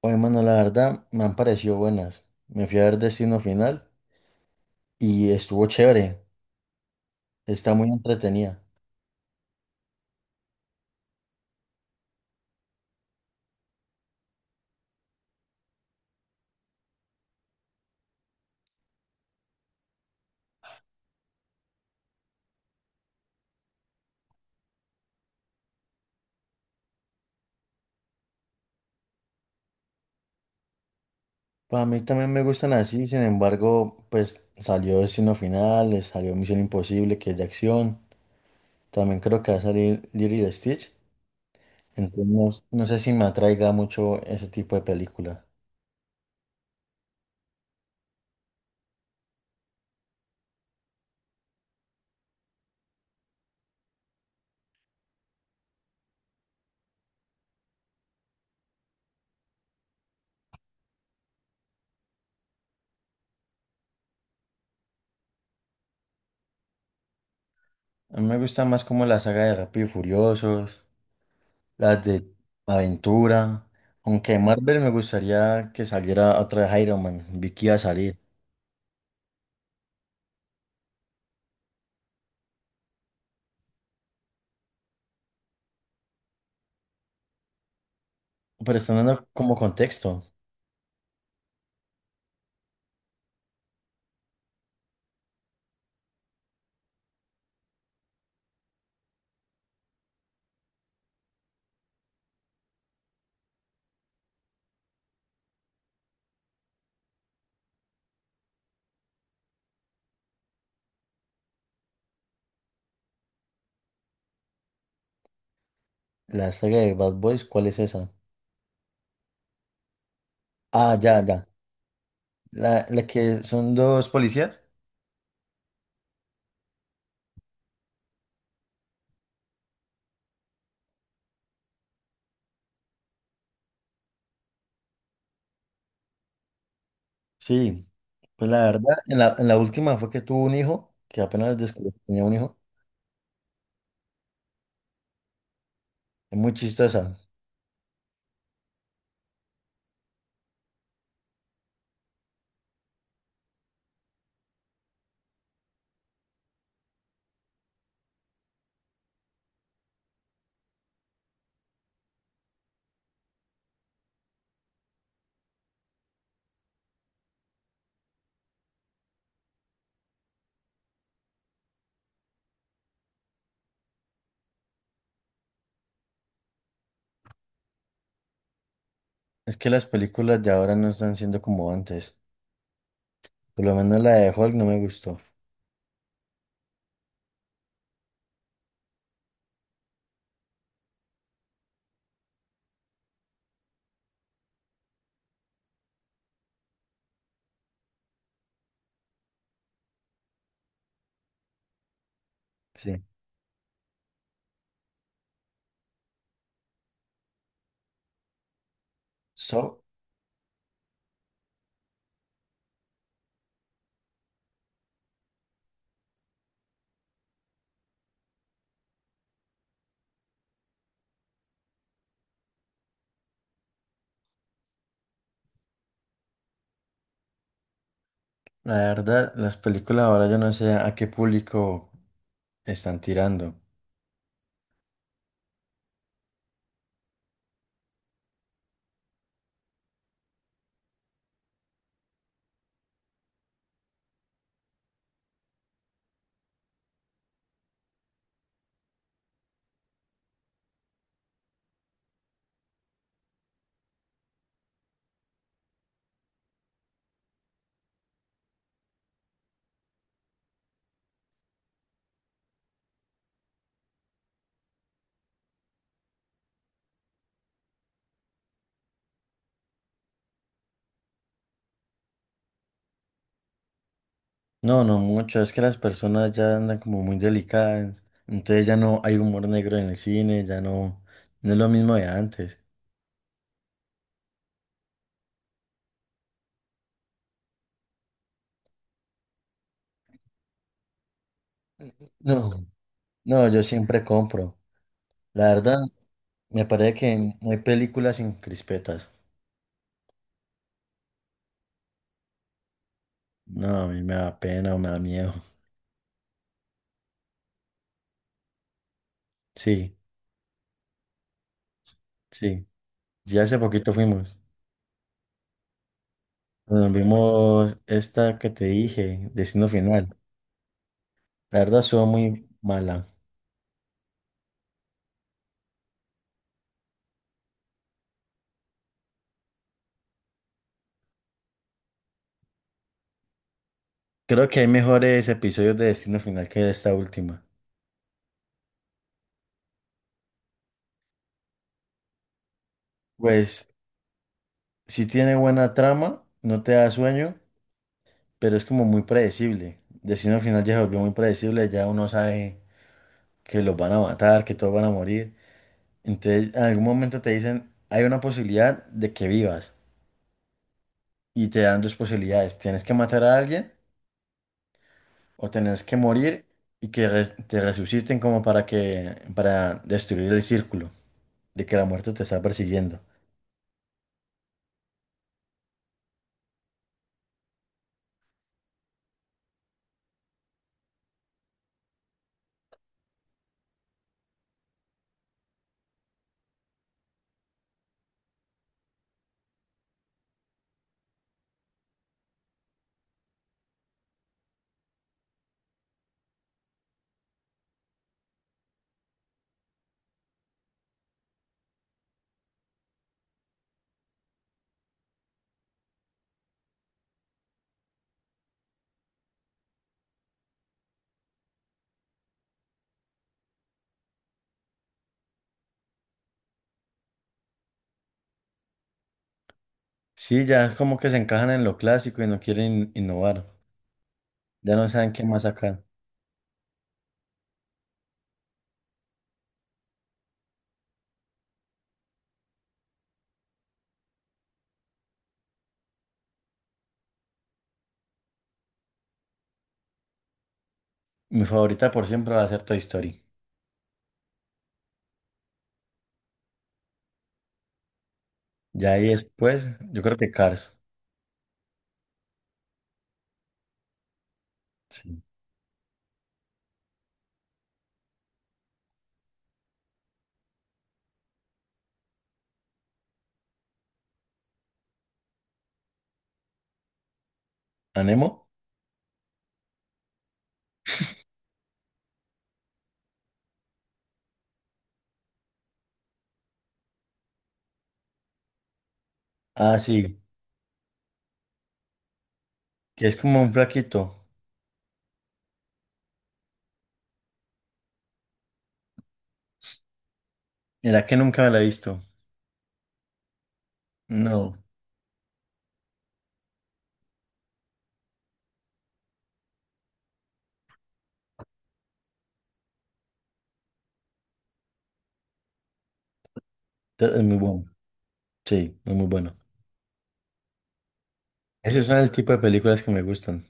Oye, mano, la verdad me han parecido buenas. Me fui a ver Destino Final y estuvo chévere. Está muy entretenida. Pues a mí también me gustan así, sin embargo, pues salió Destino Final, salió Misión Imposible, que es de acción. También creo que va a salir Lilo y Stitch. Entonces no, no sé si me atraiga mucho ese tipo de película. A mí me gusta más como la saga de Rápido y Furiosos, las de aventura. Aunque Marvel me gustaría que saliera otra de Iron Man. Vi que iba a salir. Pero están dando como contexto, la saga de Bad Boys, ¿cuál es esa? Ah, ya, ya. La que son dos policías. Sí. Pues la verdad, en la última fue que tuvo un hijo, que apenas descubrió que tenía un hijo. Es muy chistosa. Es que las películas de ahora no están siendo como antes. Por lo menos la de Hulk no me gustó. Sí. So, la verdad, las películas ahora yo no sé a qué público están tirando. No, no mucho, es que las personas ya andan como muy delicadas, entonces ya no hay humor negro en el cine, ya no, no es lo mismo de antes. No. No, yo siempre compro. La verdad, me parece que no hay películas sin crispetas. No, a mí me da pena o me da miedo. Sí, sí. Ya hace poquito fuimos. Nos vimos esta que te dije, Destino Final. La verdad, estuvo muy mala. Creo que hay mejores episodios de Destino Final que esta última. Pues, si tiene buena trama, no te da sueño, pero es como muy predecible. Destino Final ya se volvió muy predecible, ya uno sabe que los van a matar, que todos van a morir. Entonces, en algún momento te dicen, hay una posibilidad de que vivas y te dan dos posibilidades. Tienes que matar a alguien o tienes que morir y que te resuciten como para que, para destruir el círculo de que la muerte te está persiguiendo. Sí, ya como que se encajan en lo clásico y no quieren innovar. Ya no saben qué más sacar. Mi favorita por siempre va a ser Toy Story. Ya ahí después, yo creo que Cars. Sí. ¿A Nemo? Ah, sí. Que es como un flaquito. Mira que nunca me la he visto. No. Es muy bueno. Sí, es muy bueno. Esos son el tipo de películas que me gustan.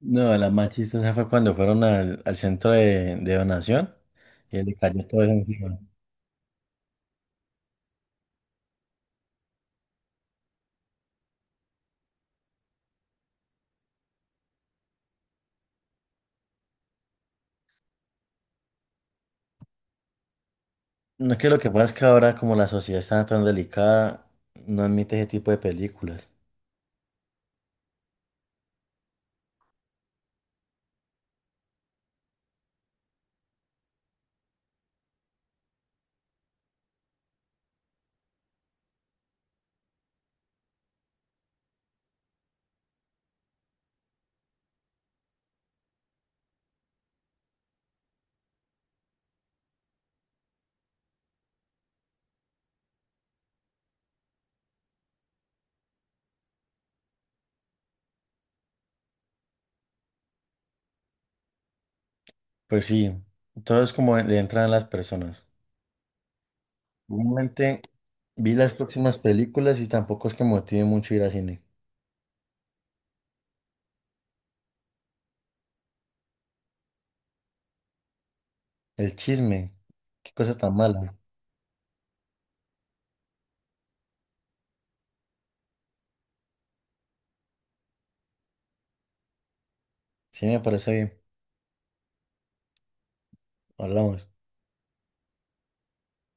No, la más chistosa fue cuando fueron al centro de donación y le cayó todo eso encima. No es que lo que pasa es que ahora como la sociedad está tan delicada, no admite ese tipo de películas. Pues sí, todo es como le entran a las personas. Realmente vi las próximas películas y tampoco es que me motive mucho ir al cine. El chisme, qué cosa tan mala. Sí, me parece bien. Hablamos.